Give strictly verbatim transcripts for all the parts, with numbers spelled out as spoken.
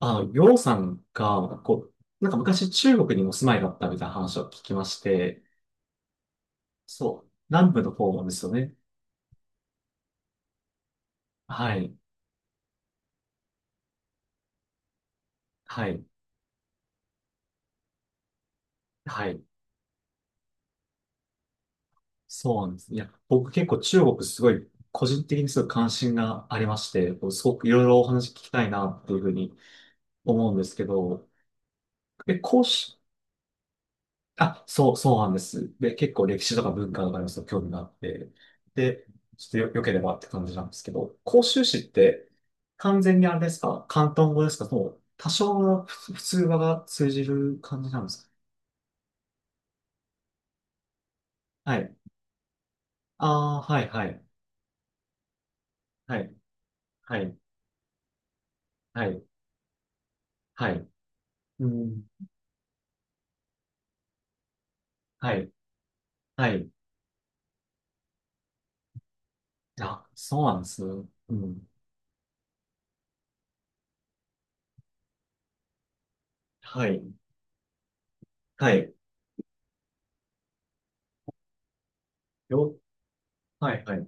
あ、ようさんが、こう、なんか昔中国にお住まいだったみたいな話を聞きまして、そう、南部の方なんですよね。はい、はい、はい、そうなんです。いや、僕結構中国すごい、個人的にすごい関心がありまして、こうすごくいろいろお話聞きたいなっていうふうに思うんですけど、え、講師、あ、そう、そうなんです。で、結構歴史とか文化とかにもすごい興味があって、で、ちょっとよ、良ければって感じなんですけど、広州市って完全にあれですか？広東語ですか？もう多少の普普通話が通じる感じなんですか？はい。ああ、はい、はい、はい、はい、はい、はい、うん、はい、はい。あ、そうなんですね。うん。はい、はい。よ、はい、はい。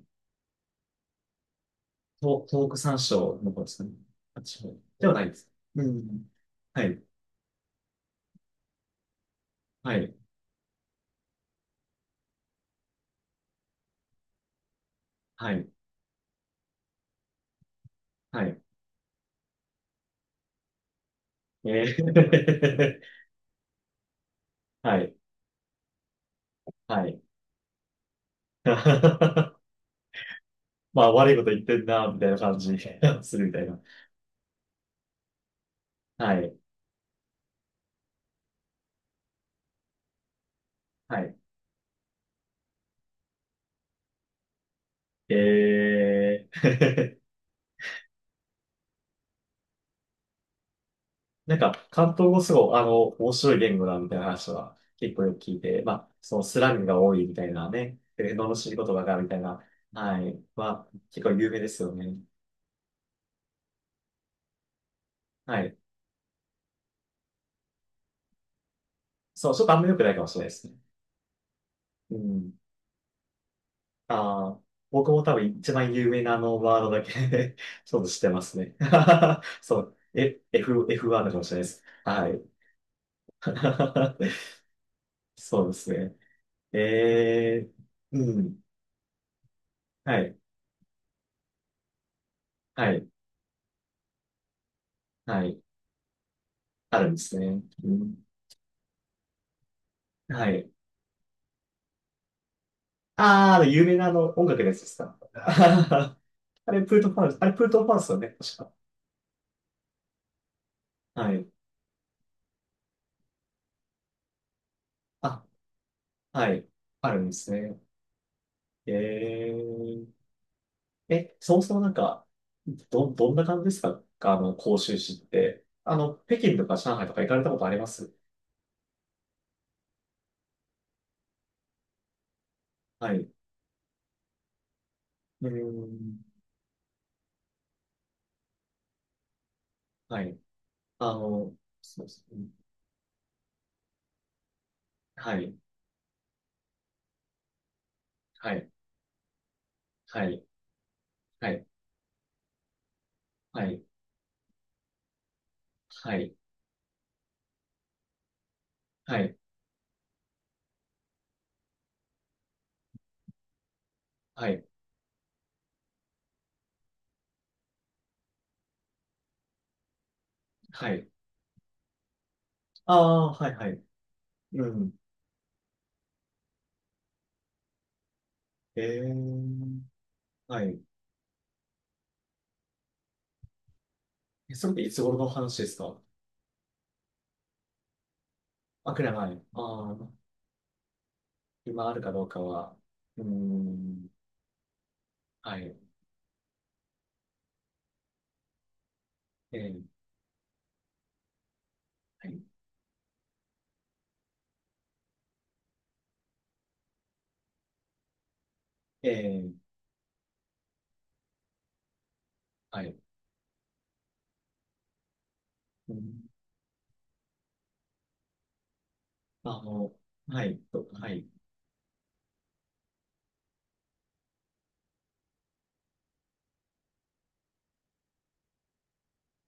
東東北山椒の方ですかね？あ、違う。ではないです。うん。はい。はい。はい。はい。えー はい。はい。まあ、悪いこと言ってんな、みたいな感じ するみたいな。はい。はい。えー なんか、関東語すごい、あの、面白い言語だ、みたいな話は結構よく聞いて、まあ、そのスラングが多いみたいなね、えー罵り言葉が、みたいな、はい。まあ、結構有名ですよね。はい。そう、ちょっとあんま良くないかもしれないですね。うん。ああ、僕も多分一番有名なあのワードだけ ちょっと知ってますね。そう、え F、F ワードかもしれないです。はい。そうですね。えー、うん。はい、はい、はい。あるんですね。うん、はい。あー、あの有名なあの音楽のやつですか？あれ、プルートファンス、あれ、プルートファウスよね、確か。はい。あ、はい。あるんですね。えーえ、そもそもなんか、ど、どんな感じですか？あの、広州市って。あの、北京とか上海とか行かれたことあります？はい。うーん。はい。あの、そうですね。はい。はい。はい。はい。はい。はい。はい。はい。はい。ああ、はい。はい。うん。ええ、はい。えそれっていつ頃の話ですか？あ、くらい前。ああ、今あるかどうかは。うーん。はい。ええ、はい。ええ、はい。うん、あの、はい、と、はい。い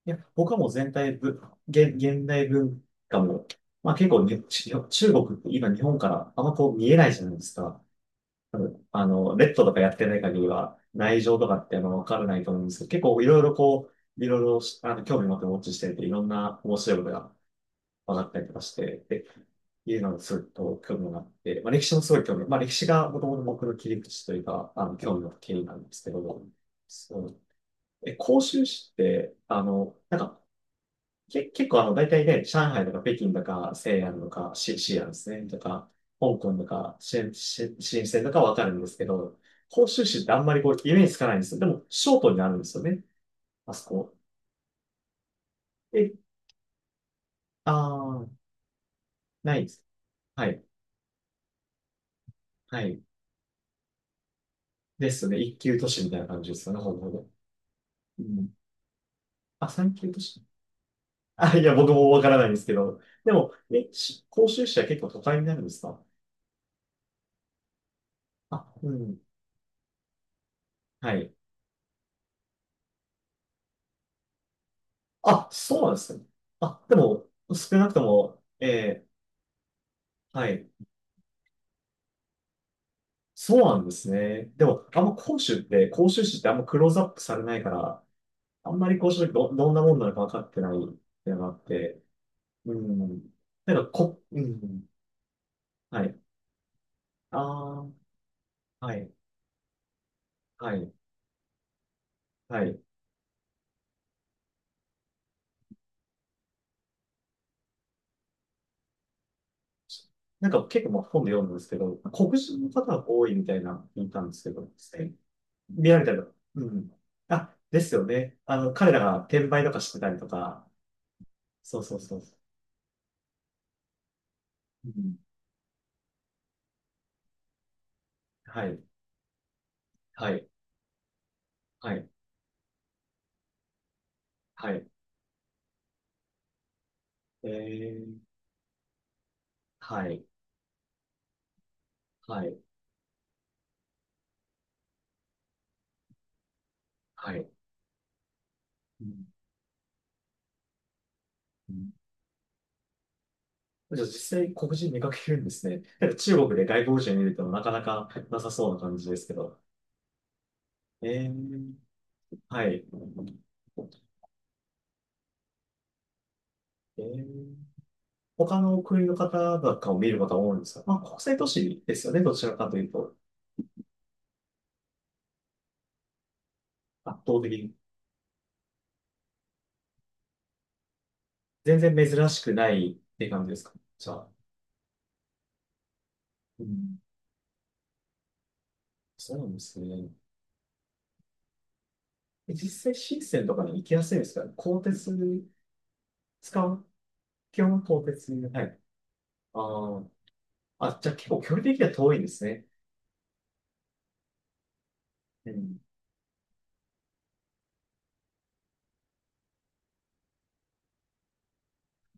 や、他もう全体ぶ、現、現代文化も、まあ結構ね、ち中国って今日本からあんまこう見えないじゃないですか。多分、あの、レッドとかやってない限りは、内情とかってあんまわからないと思うんですけど、結構いろいろこう、いろいろしあの興味持ってウォッチしてると、いろんな面白いことが分かったりとかして、で、いうのがすごいと興味があって、まあ歴史もすごい興味、まあ歴史がもともと僕の切り口というか、あの、興味の経緯なんですけど、そうえ、広州市って、あの、なんか、け、結構あの、大体ね、上海とか北京とか、西安とか、シ、西安ですね、とか、香港とか、し、し、深センとかわかるんですけど、広州市ってあんまりこう、イメージつかないんですよ。でも、ショートになるんですよね、あそこ。え、あー、ないです。はい、はい。ですね、一級都市みたいな感じですよね、ほぼほぼ。うん。あ、三級都市。あ、いや、僕もわからないんですけど、でも、え、し広州市は結構都会になるんですか？あ、うん。はい。あ、そうなんですね。あ、でも、少なくとも、えー、はい。そうなんですね。でも、あんま講習って、講習誌ってあんまクローズアップされないから、あんまり講習誌ど、どんなもんなのか分かってないっていうのがあって、うん。なんか、こ、うん。はい。ああ、はい、はい、はい。なんか結構まあ本で読んだんですけど、黒人の方が多いみたいな聞いたんですけど、え見られたら、うん。あ、ですよね。あの、彼らが転売とかしてたりとか、そうそうそう。うん。はい。はい。はい。はい。えー、はい。はい。はい。うんうん、じゃあ実際黒人見かけるんですね？なんか中国で外国人見るとなかなかなさそうな感じですけど。えー、はい。えー、他の国の方なんかを見る方多いんですか？まあ国際都市ですよね。どちらかというと。圧倒的に。全然珍しくないっていう感じですか？じゃあ。うん、そうなんですね。実際、深センとかに行きやすいですから、鋼鉄使う基本は東鉄に。はい。あーあ、じゃあ結構距離的には遠いんですね。うん。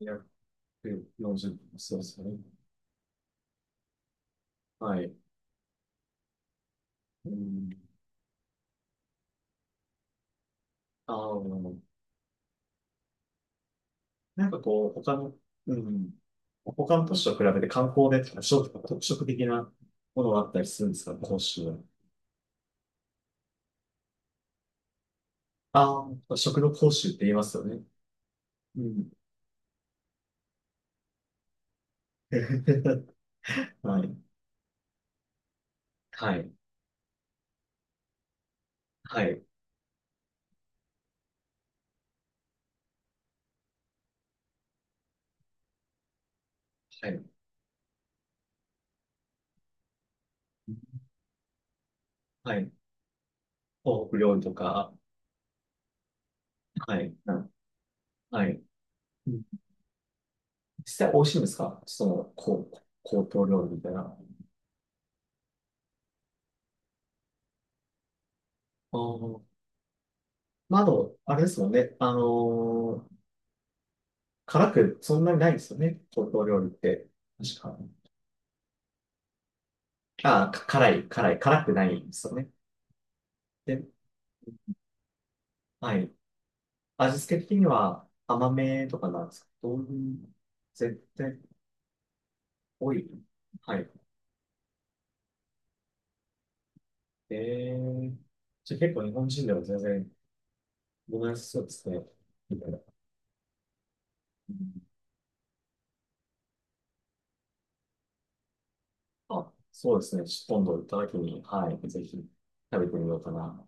にひゃくよんじゅっぷん。そうですね。はい。うん。ああ、なんかこう、他の、うん。他の都市と比べて観光でとか食特色的なものがあったりするんですか、講習は？ああ、食の講習って言いますよね。うん。はい。はい。はい。はい。はい。東北料理とか、はい。はい。実際美味しいんですか？その、こう、高等料理みたいな。あー、まあ、あと、あれですもんね。あのー辛くそんなにないですよね。高等料理って。確か。あー、か辛い、辛い、辛くないんですよね。で、はい。味付け的には甘めとかなんですけど、どういう絶対多い。はい。えー、じゃあ結構日本人では全然、ごめんなさいそうですね。みたいな。あ、そうですね。ちょっと今度行った時に、はい、ぜひ食べてみようかな。